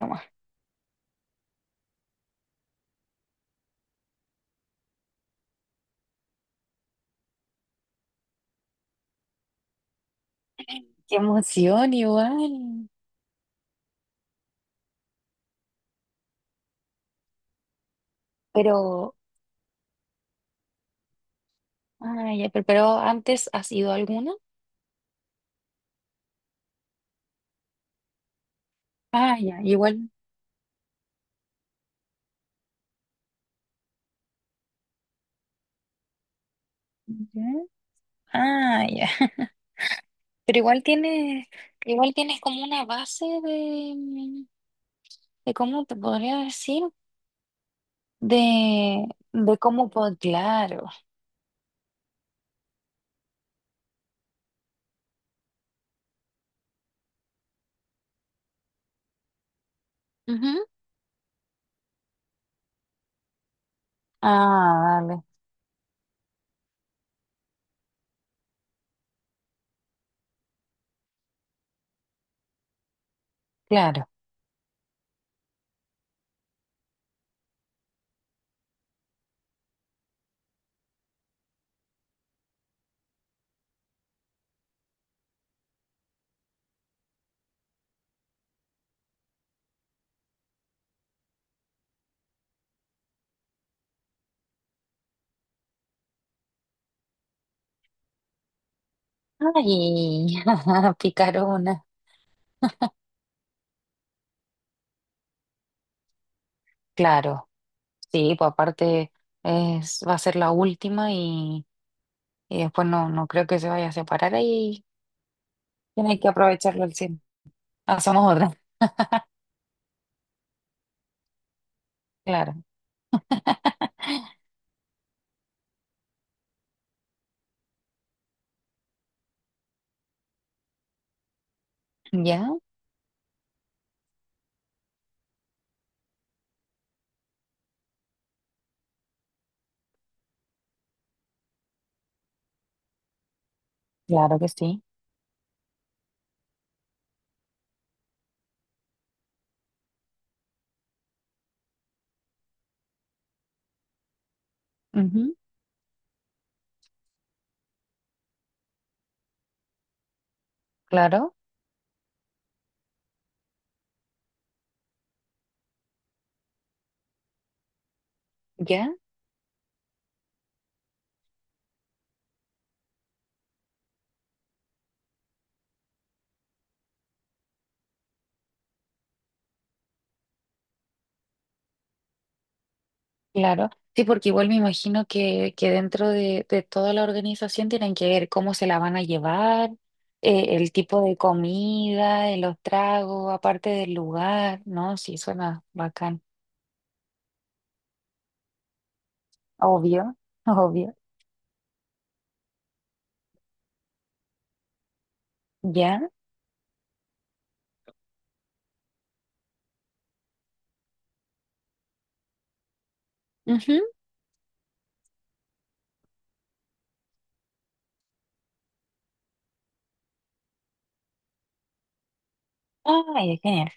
Nomás. Qué emoción igual. Pero, ah, ya, pero antes has ido a alguna. Ah, ya, igual. Ya. Ah, ya. Pero igual tienes como una base de cómo te podría decir, de, de cómo puedo, claro. Ujú. Ah, vale, claro. Ay, picarona. Claro. Sí, pues aparte es, va a ser la última y después no, no creo que se vaya a separar ahí. Tiene que aprovecharlo al 100%. Hacemos otra. Claro. Ya, claro que sí. Ujú. Claro, ya, claro. Sí, porque igual me imagino que dentro de toda la organización tienen que ver cómo se la van a llevar, el tipo de comida, los tragos, aparte del lugar, ¿no? Sí, suena bacán. Obvio, obvio. Ya. Ujú. Ay, genial.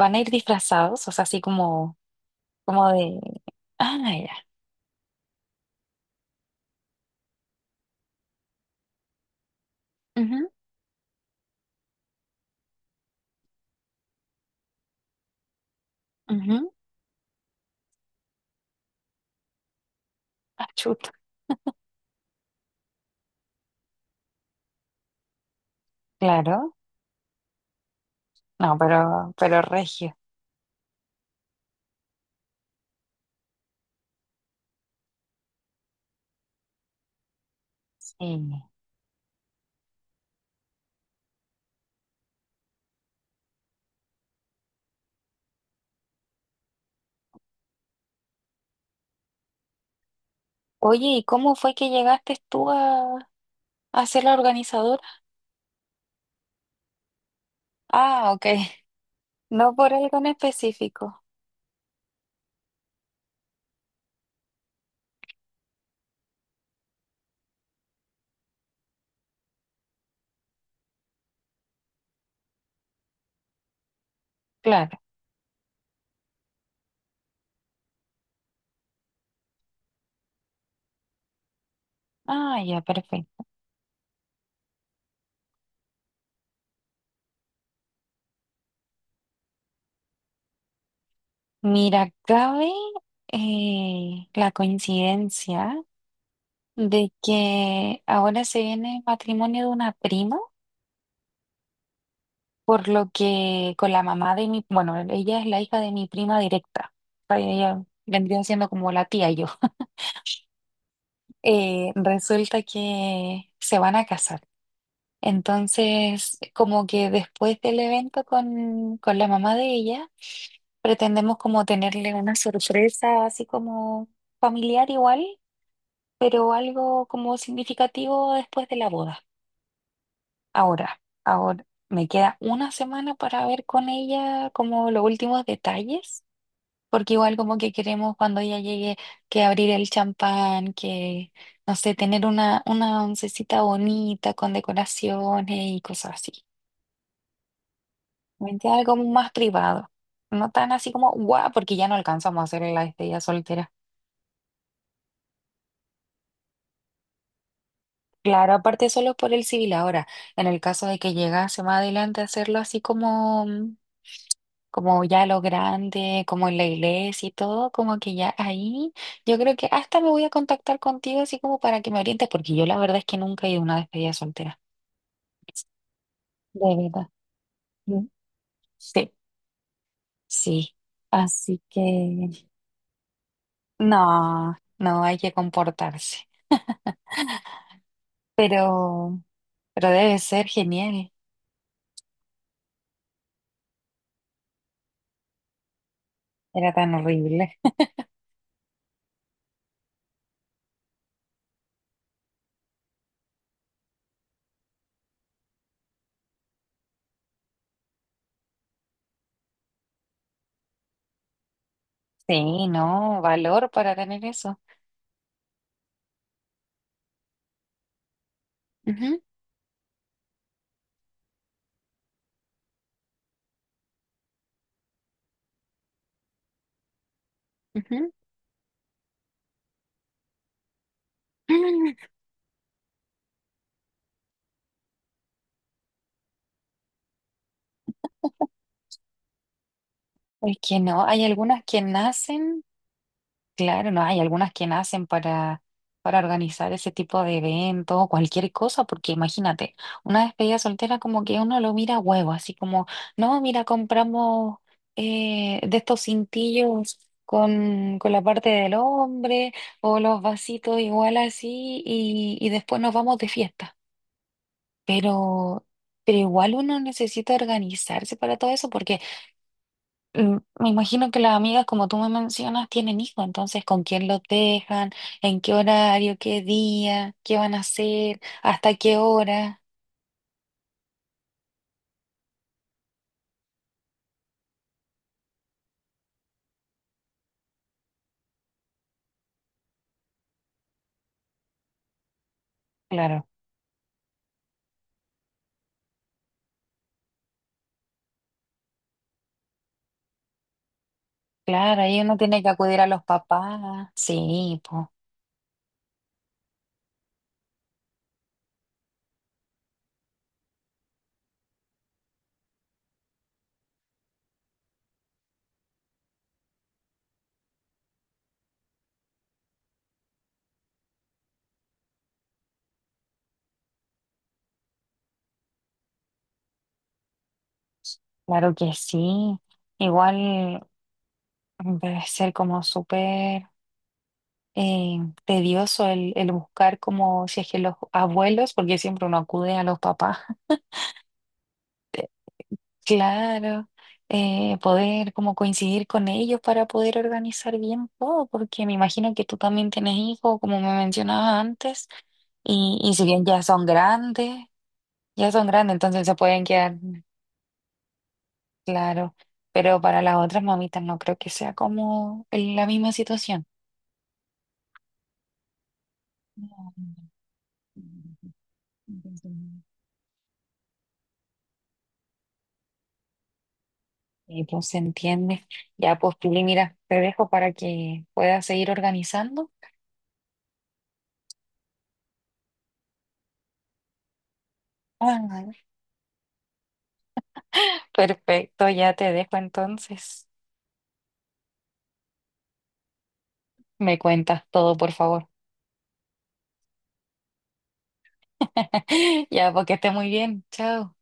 ¿Van a ir disfrazados? O sea, así como de, ah, no, ya, ujú, ujú, ah, chuta, claro, no, pero regio, sí. Oye, ¿y cómo fue que llegaste tú a ser la organizadora? Ah, ok, no por algo en específico, claro, ah, ya, perfecto. Mira, cabe la coincidencia de que ahora se viene el matrimonio de una prima. Por lo que con la mamá de mi, bueno, ella es la hija de mi prima directa. O sea, ella vendría siendo como la tía yo. Resulta que se van a casar. Entonces, como que después del evento con la mamá de ella, pretendemos como tenerle una sorpresa así como familiar igual, pero algo como significativo después de la boda. Ahora, ahora me queda una semana para ver con ella como los últimos detalles. Porque igual como que queremos cuando ella llegue que abrir el champán, que, no sé, tener una oncecita bonita con decoraciones y cosas así. ¿Me entiendes? Algo más privado. No tan así como, guau, porque ya no alcanzamos a hacer la despedida soltera. Claro, aparte solo por el civil ahora. En el caso de que llegase más adelante a hacerlo así como ya lo grande, como en la iglesia y todo, como que ya ahí yo creo que hasta me voy a contactar contigo así como para que me orientes, porque yo la verdad es que nunca he ido a una despedida soltera. De verdad. Mm. Sí, sí. Así que no, no hay que comportarse. Pero, pero debe ser genial. Era tan horrible. Sí, no, valor para tener eso. Ujú, ujú. Es que no, hay algunas que nacen. Claro, no hay algunas que nacen para organizar ese tipo de eventos o cualquier cosa, porque imagínate, una despedida soltera como que uno lo mira a huevo, así como, no, mira, compramos de estos cintillos con la parte del hombre o los vasitos igual así y después nos vamos de fiesta. Pero, pero igual uno necesita organizarse para todo eso porque. Me imagino que las amigas, como tú me mencionas, tienen hijos, entonces con quién los dejan, en qué horario, qué día, qué van a hacer, hasta qué hora. Claro, claro, ahí uno tiene que acudir a los papás. Sí, pues, claro que sí. Igual debe ser como súper eh, tedioso el buscar como si es que los abuelos, porque siempre uno acude a los papás. Claro, poder como coincidir con ellos para poder organizar bien todo, porque me imagino que tú también tienes hijos, como me mencionabas antes, y si bien ya son grandes, entonces se pueden quedar, claro, pero para las otras mamitas no creo que sea como la misma situación. No, y pues se entiende. Ya pues, Pili, mira, te dejo para que puedas seguir organizando. Ah, perfecto, ya te dejo entonces. Me cuentas todo, por favor. Ya, porque esté muy bien. Chao.